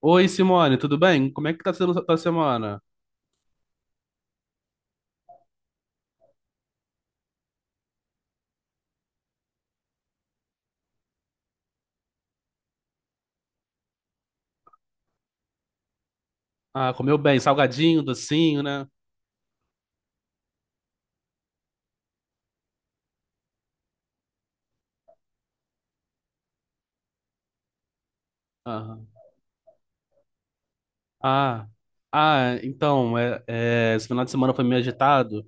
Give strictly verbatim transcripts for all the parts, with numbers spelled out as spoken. Oi, Simone, tudo bem? Como é que tá sendo a tua semana? Ah, comeu bem, salgadinho, docinho, né? Aham. Ah, ah, então, é, é, esse final de semana foi meio agitado.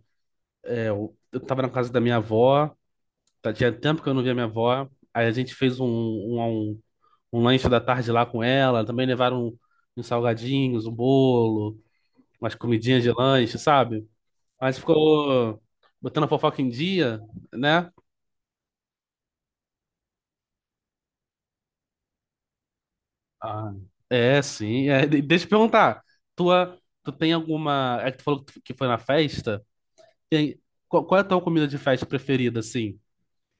É, eu, eu tava na casa da minha avó, tá- tinha tempo que eu não via minha avó. Aí a gente fez um, um, um, um lanche da tarde lá com ela, também levaram uns salgadinhos, um bolo, umas comidinhas de lanche, sabe? Mas ficou botando a fofoca em dia, né? Ah, é, sim. É, de- deixa eu te perguntar. Tua, tu tem alguma. É que tu falou que tu- que foi na festa? Tem, qual, qual é a tua comida de festa preferida, assim?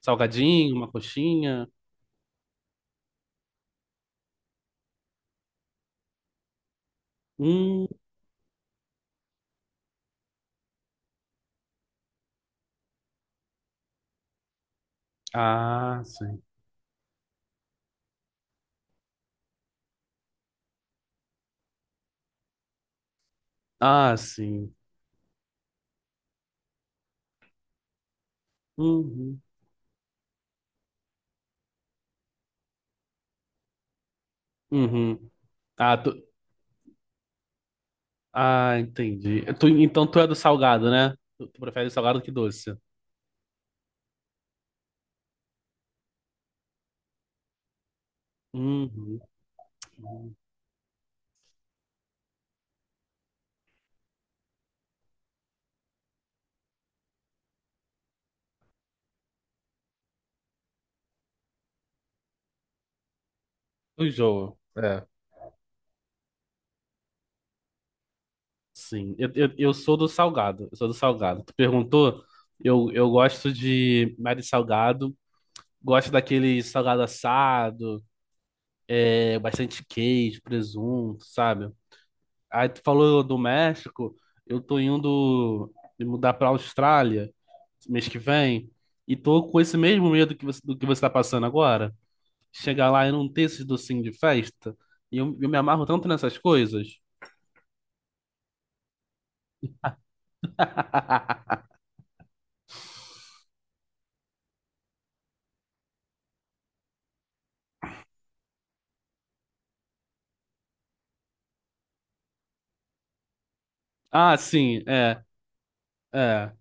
Salgadinho, uma coxinha? Hum. Ah, sim. Ah, sim. Uhum. Uhum. Ah, tu, ah, entendi. Tu, então tu é do salgado, né? Tu, tu prefere salgado que doce. Uhum. Tu enjoa. Sim, eu, eu, eu sou do salgado, eu sou do salgado. Tu perguntou, eu, eu gosto de mais de salgado, gosto daquele salgado assado, é, bastante queijo, presunto, sabe? Aí tu falou do México, eu tô indo me mudar pra Austrália mês que vem e tô com esse mesmo medo que você, do que você tá passando agora. Chegar lá e não ter esses docinhos de festa, e eu, eu me amarro tanto nessas coisas. Ah, sim, é, é.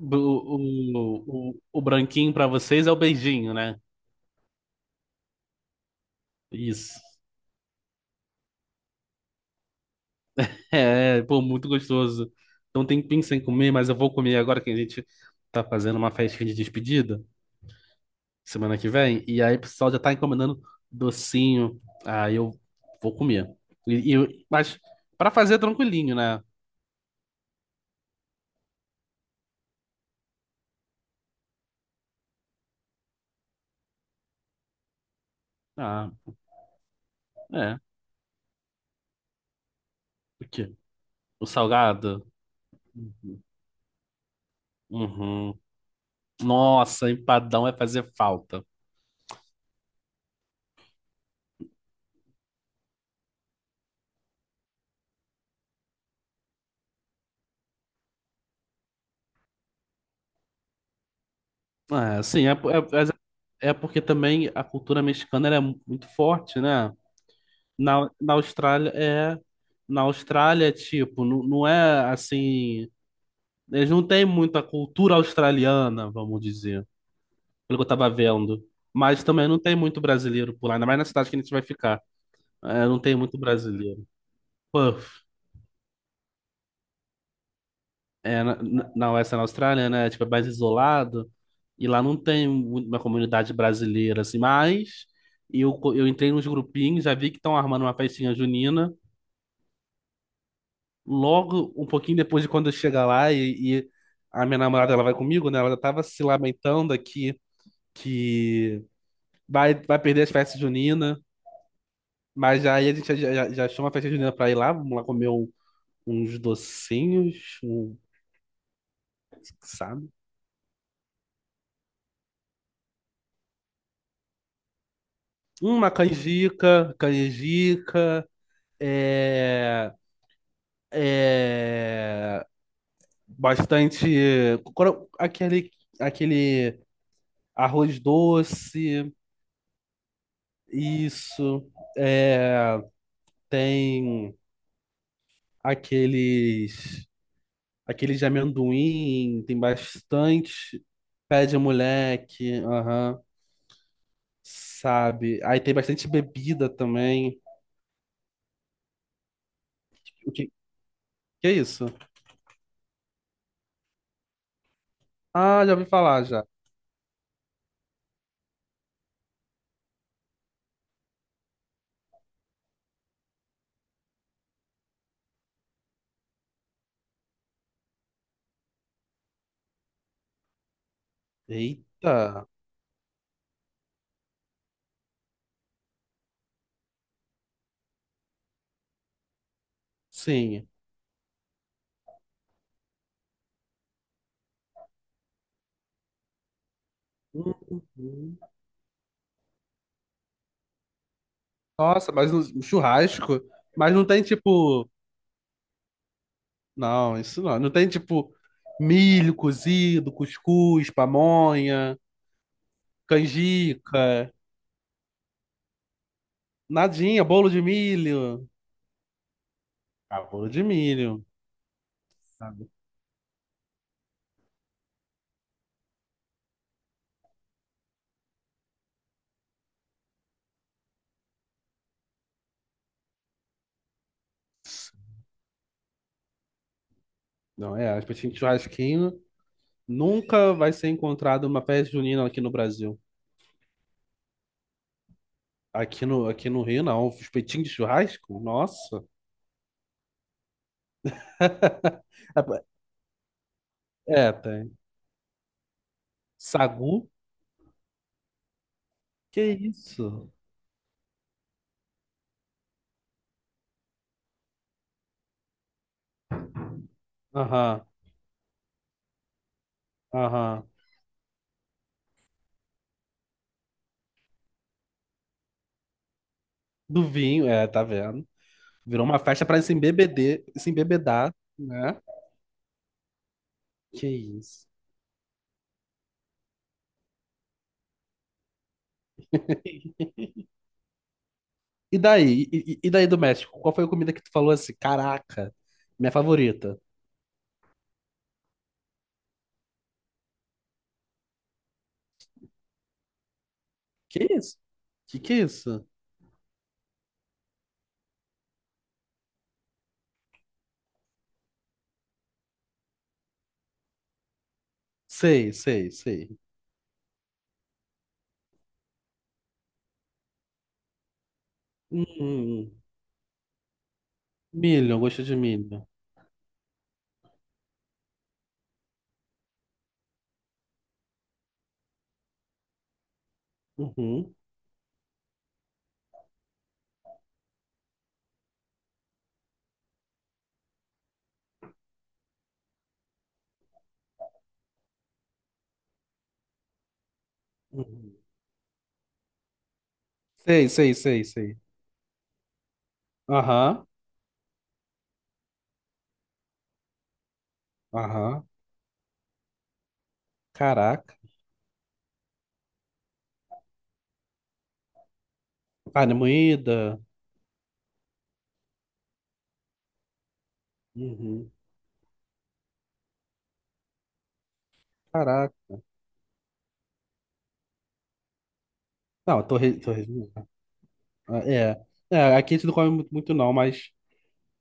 O, o, o, branquinho pra vocês é o beijinho, né? Isso. É, pô, muito gostoso. Então tem pensar em comer, mas eu vou comer agora que a gente tá fazendo uma festinha de despedida semana que vem. E aí o pessoal já tá encomendando docinho. Aí eu vou comer. E, e eu- mas pra fazer tranquilinho, né? Ah, é. O quê? O salgado? Uhum. Nossa, empadão vai fazer falta. É, sim, é, po- é, mas é porque também a cultura mexicana ela é mu- muito forte, né? Na, na Austrália é Na Austrália, tipo, não, não é assim, eles não têm muita cultura australiana, vamos dizer, pelo que eu tava vendo. Mas também não tem muito brasileiro por lá, ainda mais na cidade que a gente vai ficar. É, não tem muito brasileiro. Pô, é, na, na na Western Austrália, né? Tipo, é mais isolado. E lá não tem mu- uma comunidade brasileira, assim. Mas eu, co- eu entrei nos grupinhos, já vi que estão armando uma festinha junina. Logo, um pouquinho depois de quando eu chegar lá e, e a minha namorada, ela vai comigo, né? Ela já tava se lamentando aqui que vai, vai perder as festas juninas. Mas aí a gente já, já, já achou uma festa junina pra ir lá. Vamos lá comer um- uns docinhos, um, sabe? Uma canjica, canjica. É, é, bastante coro- aquele aquele arroz doce, isso é, tem aqueles aqueles de amendoim, tem bastante pé de moleque, aham, sabe? Aí tem bastante bebida também. O que, que é isso? Ah, já ouvi falar já. Eita, sim. Uhum. Nossa, mas no no churrasco, mas não tem tipo, não, isso não, não tem tipo milho cozido, cuscuz, pamonha, canjica, nadinha, bolo de milho. Ah, bolo de milho, sabe? Não é, acho que churrasquinho nunca vai ser encontrado uma festa junina aqui no Brasil. Aqui no, aqui no Rio, não. Os peitinhos de churrasco? Nossa. É, tem. Sagu? Que isso? Aham, aham. Do vinho, é, tá vendo? Virou uma festa pra se embebeder, se embebedar, né? Que isso. E daí? E, e- e daí do México? Qual foi a comida que tu falou assim? Caraca, minha favorita. Que isso? Que que é isso? Sei, sei, sei. Hum, hum. Milho, eu gosto de milho. Uhum, uhum. Sei, sei, sei, sei. Aham, aham. Caraca. Carne moída. Uhum. Caraca. Não, torre, torre... ah, é. É, aqui a gente não come muito, muito não, mas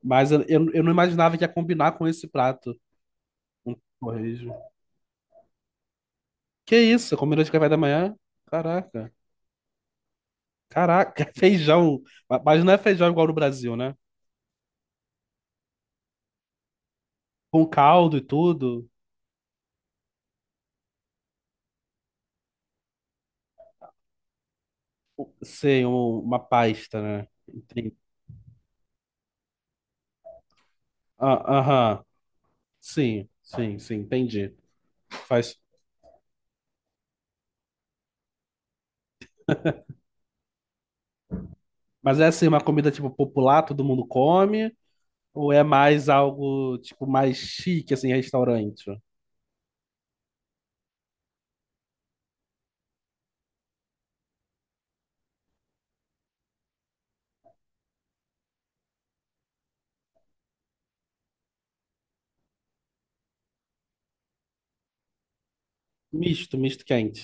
Mas eu, eu, eu não imaginava que ia combinar com esse prato, um torresmo. Que isso? Combinou de café da manhã? Caraca. Caraca, feijão. Ma- Mas não é feijão igual no Brasil, né? Com caldo e tudo. Sim, um- uma pasta, né? Entendi. Ah, aham. Sim, sim, sim, entendi. Faz... Mas é assim, uma comida tipo popular, todo mundo come? Ou é mais algo tipo mais chique, assim, restaurante? Misto, misto quente.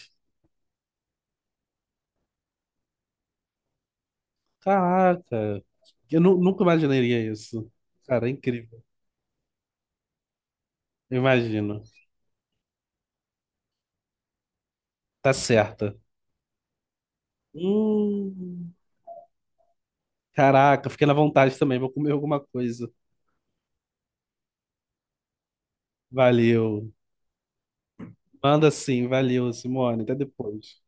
Caraca, eu nu- nunca imaginaria isso. Cara, é incrível. Eu imagino. Tá certa. Hum, caraca, fiquei na vontade também. Vou comer alguma coisa. Valeu. Manda sim, valeu, Simone. Até depois.